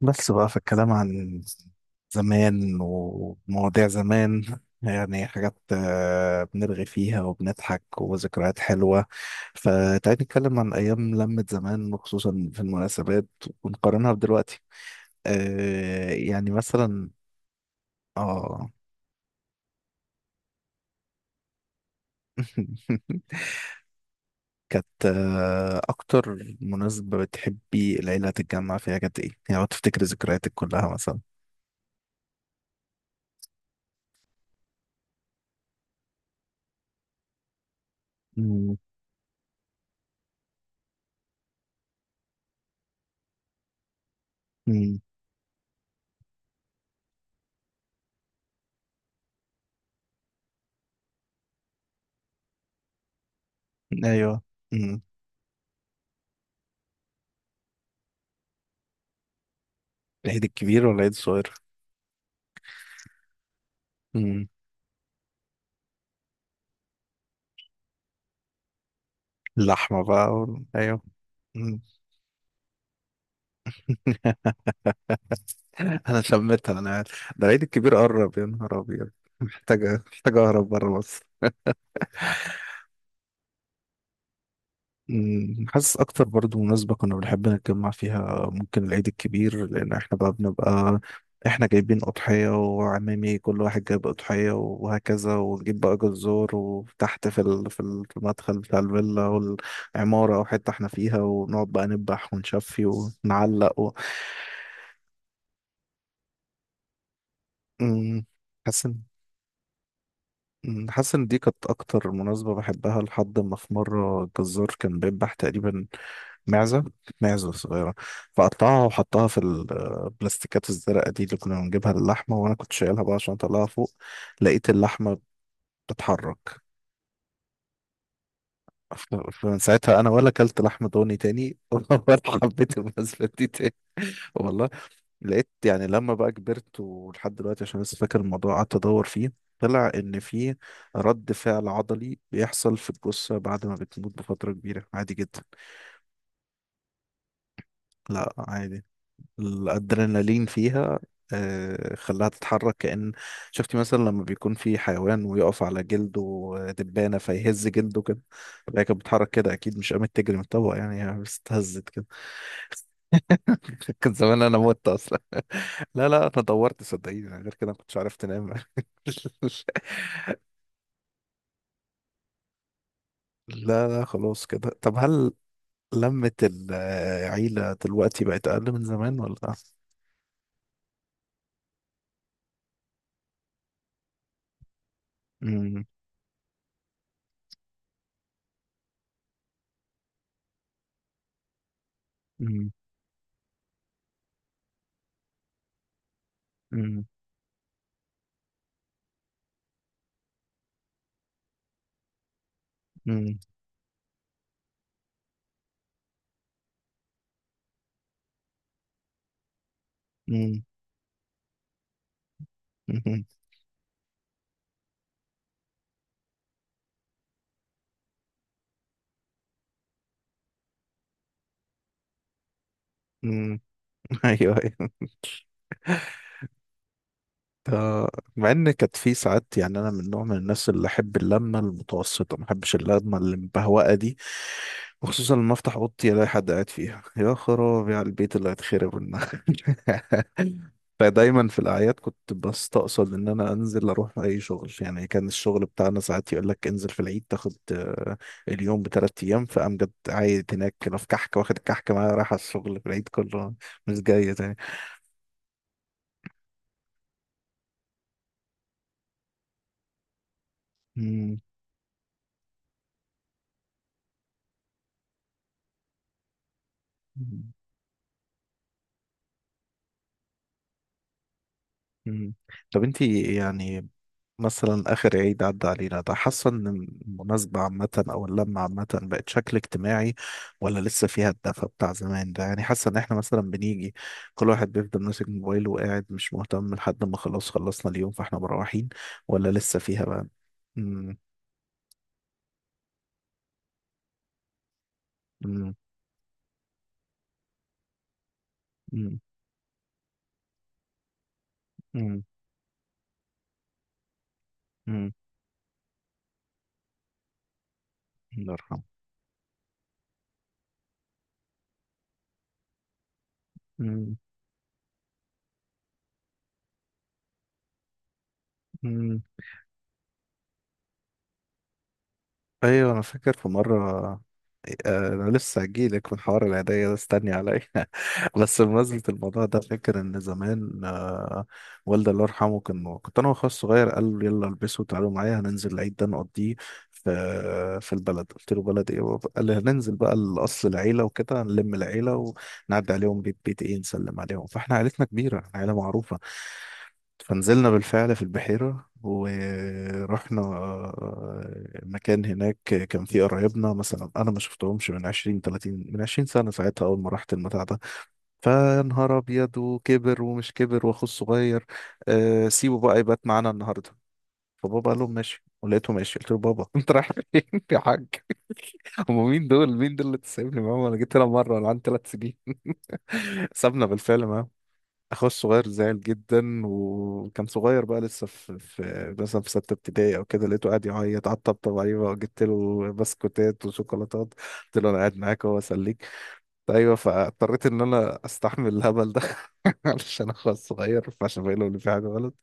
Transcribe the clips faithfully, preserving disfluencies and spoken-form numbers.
بس بقى في الكلام عن زمان ومواضيع زمان، يعني حاجات آه، بنرغي فيها وبنضحك وذكريات حلوة. فتعالي نتكلم عن أيام لمة زمان، وخصوصا في المناسبات، ونقارنها بدلوقتي. آه، يعني مثلا. اه. كانت آه، أكتر مناسبة بتحبي العيلة تتجمع فيها كانت إيه؟ يعني لو تفتكري ذكرياتك كلها مثلا. مم. مم. أيوه. مم. العيد الكبير ولا العيد الصغير؟ مم. اللحمة بقى وال- ايوه. مم. انا شميتها، انا عارف. ده العيد الكبير قرب، يا نهار ابيض. محتاجة محتاجة اهرب بره مصر. مم. حاسس اكتر برضو مناسبة كنا بنحب نتجمع فيها ممكن العيد الكبير، لان احنا بقى بنبقى احنا جايبين اضحية، وعمامي كل واحد جايب اضحية وهكذا، ونجيب بقى جزور، وتحت في ال- في ال- في المدخل بتاع الفيلا والعمارة او حتة احنا فيها، ونقعد بقى نذبح ونشفي ونعلق و... أمم، حاسس إن- أمم، حاسس ان دي كانت اكتر مناسبه بحبها، لحد ما في مره الجزار كان بيذبح تقريبا معزه معزه صغيره، فقطعها وحطها في البلاستيكات الزرقاء دي اللي كنا بنجيبها للحمه، وانا كنت شايلها بقى عشان اطلعها فوق، لقيت اللحمه بتتحرك. ف- فمن ساعتها انا ولا اكلت لحم ضاني تاني ولا حبيت المناسبه دي تاني. والله لقيت يعني لما بقى كبرت ولحد دلوقتي عشان لسه فاكر الموضوع قعدت ادور فيه، طلع ان في رد فعل عضلي بيحصل في الجثه بعد ما بتموت بفتره كبيره، عادي جدا. لا، عادي. الادرينالين فيها آه، خلاها تتحرك، كأن شفتي مثلا لما بيكون في حيوان ويقف على جلده دبانة فيهز جلده كده. فهي كانت بتتحرك كده، أكيد مش قامت تجري من الطبق، يعني هي بس اتهزت كده. كان زمان أنا مت أصلا. لا، لا، انا دورت، صدقيني، أنا غير كده ما كنتش عرفت انام. لا، لا، خلاص كده. طب، هل لمة العيلة دلوقتي بقت اقل من زمان ولا؟ امم. امم. امم. امم. امم. امم. أمم. ايوه، ايوه. ده- مع ان كانت في ساعات، يعني انا من نوع من الناس اللي احب اللمه المتوسطه، ما احبش اللمه المبهوأه دي. وخصوصا لما افتح اوضتي الاقي حد قاعد فيها، يا خرابي على البيت اللي هيتخرب منها. فدايما في الاعياد كنت بستقصد ان انا انزل اروح اي شغل. يعني كان الشغل بتاعنا ساعات يقول لك انزل في العيد، تاخد آه، اليوم بثلاث ايام. فامجد عايد هناك كده في كحك واخد الكحك معاه رايح على الشغل في العيد كله، مش جاي تاني. مم. مم. طب، انتي يعني، مثلا آخر عيد عدى علينا ده، حاسة إن المناسبة عامة أو اللمة عامة بقت شكل اجتماعي، ولا لسه فيها الدفى بتاع زمان ده؟ يعني حاسة إن إحنا مثلا بنيجي كل واحد بيفضل ماسك موبايله وقاعد مش مهتم لحد ما خلاص خلصنا اليوم فإحنا مروحين؟ ولا لسه فيها بقى؟ مم. مم. مم. مم. مم. الله يرحمه. مم. مم. ايوه، انا فاكر في مره. آه، انا لسه هجيلك من حوار العيدية ده، استني عليا. بس بمناسبة الموضوع ده، فاكر ان زمان آه، والدي الله يرحمه كان كنت انا واخويا الصغير، قال لي يلا البسوا تعالوا معايا، هننزل العيد ده نقضيه في في البلد. قلت له بلد ايه بابا؟ قال لي هننزل بقى لاصل العيله وكده نلم العيله، ونعدي عليهم بيت بيت، ايه نسلم عليهم، فاحنا عيلتنا كبيره، عيله معروفه. فنزلنا بالفعل في البحيره، ورحنا آه، مكان هناك. كان فيه قرايبنا مثلا انا ما شفتهمش من عشرين ثلاثين من عشرين سنه، ساعتها اول ما رحت المتاع ده فنهار ابيض. وكبر ومش كبر، واخوه الصغير. آه، سيبه بقى يبات معانا النهارده. فبابا قال لهم ماشي، ولقيته ماشي، قلت له بابا، انت رايح فين يا حاج؟ هم مين دول، مين دول اللي تسيبني معاهم؟ انا جيت هنا مره انا عندي ثلاث سنين. سابنا بالفعل معاهم. اخويا الصغير زعل جدا وكان صغير بقى لسه في, في مثلا في سته ابتدائي او كده، لقيته قاعد يعيط. على الطبطب عليه بقى وجبت له بسكوتات وشوكولاتات، قلت له انا قاعد معاك اهو اسليك. ايوه، فاضطريت ان انا استحمل الهبل ده علشان اخويا الصغير، فعشان باين له ان في حاجه غلط.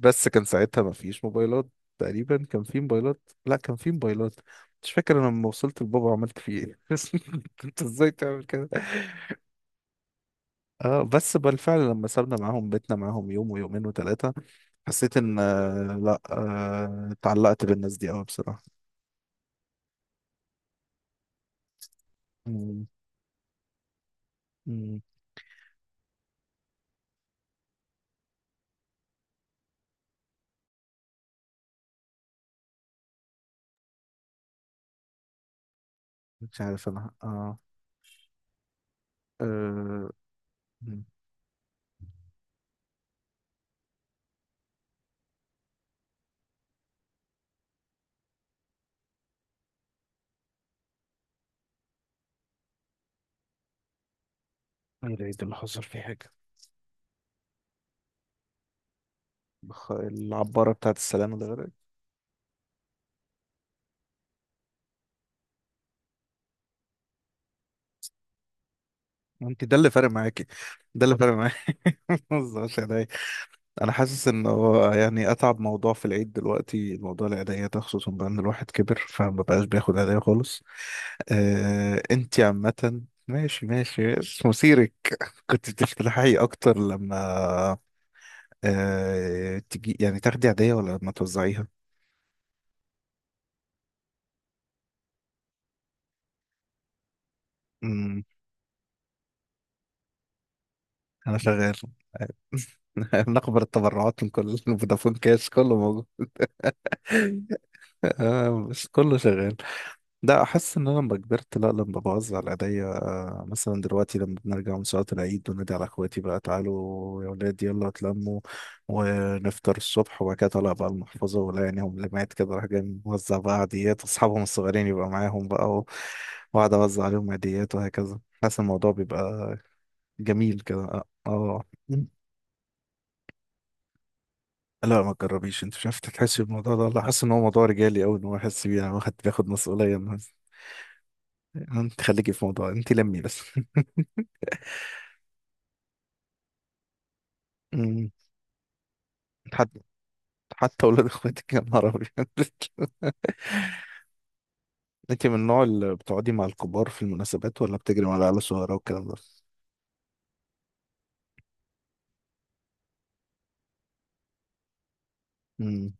بس كان ساعتها ما فيش موبايلات، تقريبا كان في موبايلات، لا كان في موبايلات، مش فاكر. انا لما وصلت لبابا عملت فيه ايه؟ انت ازاي تعمل كده؟ اه، بس بالفعل لما سابنا معاهم بيتنا معاهم يوم ويومين وثلاثة، حسيت ان آه، لا، آه، اتعلقت بالناس دي قوي، بصراحة. مم. مم. مش عارف انا. اه. آه، مم. ايه العيد اللي حصل فيه حاجة؟ بخ- العبارة بتاعت السلامة ده غير؟ انت ده اللي فارق معاكي، ده اللي فارق معاكي؟ ما تهزريش عليا. انا حاسس ان هو يعني اتعب موضوع في العيد دلوقتي موضوع العيدية ده، خصوصا بقى ان الواحد كبر فما بقاش بياخد عيدية خالص. آه، انت عامة ماشي، ماشي. بس مثيرك، كنت بتفتحي اكتر لما آه، تجي يعني تاخدي عادية، ولا لما توزعيها؟ امم. انا شغال. نقبل التبرعات، من كل فودافون كاش، كله موجود. آه، بس كله شغال. لا، احس ان انا لما كبرت، لا، لما بوزع العادية. مثلا دلوقتي لما بنرجع من صلاة العيد، بنادي على اخواتي بقى تعالوا يا ولاد، يلا اتلموا، ونفطر الصبح. وبعد كده طالع بقى المحفظة ولا يعينهم لمعت كده، راح جاي موزع بقى عاديات، واصحابهم الصغيرين يبقى معاهم بقى و- واقعد اوزع عليهم عاديات وهكذا. حاسس الموضوع بيبقى جميل كده. اه آه. لا، ما تجربيش، انت مش عارف تحس بالموضوع ده والله. حاسس ان هو موضوع رجالي قوي، ان هو يحس بيه، انا واخد باخد مسؤوليه إن هو- انت خليكي في موضوع انت، لمي بس. مم. حد حتى ولاد اخواتك، يا نهار ابيض؟ انت من النوع اللي بتقعدي مع الكبار في المناسبات، ولا بتجري مع العيال الصغيره والكلام ده؟ امم.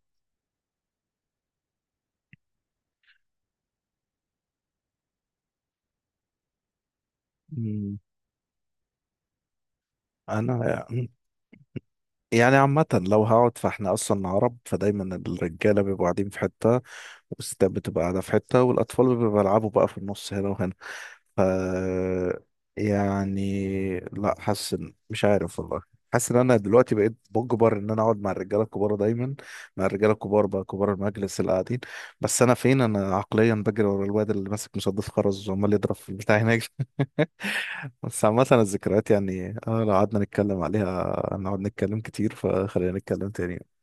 أمم. انا يعني عامه لو هقعد، فاحنا اصلا عرب، فدايما الرجاله بيبقوا قاعدين في حته، والستات بتبقى قاعده في حته، والاطفال بيبقوا بيلعبوا بقى في النص هنا وهنا. ف يعني لا، حاسس إن- مش عارف والله. حاسس ان انا دلوقتي بقيت بجبر ان انا اقعد مع الرجاله الكبار دايما، مع الرجاله الكبار بقى، كبار المجلس اللي قاعدين. بس انا فين؟ انا عقليا بجري ورا الواد اللي ماسك مسدس خرز وعمال يضرب في البتاع هناك. بس عامة الذكريات يعني، اه لو قعدنا نتكلم عليها نقعد نتكلم كتير. فخلينا نتكلم تاني.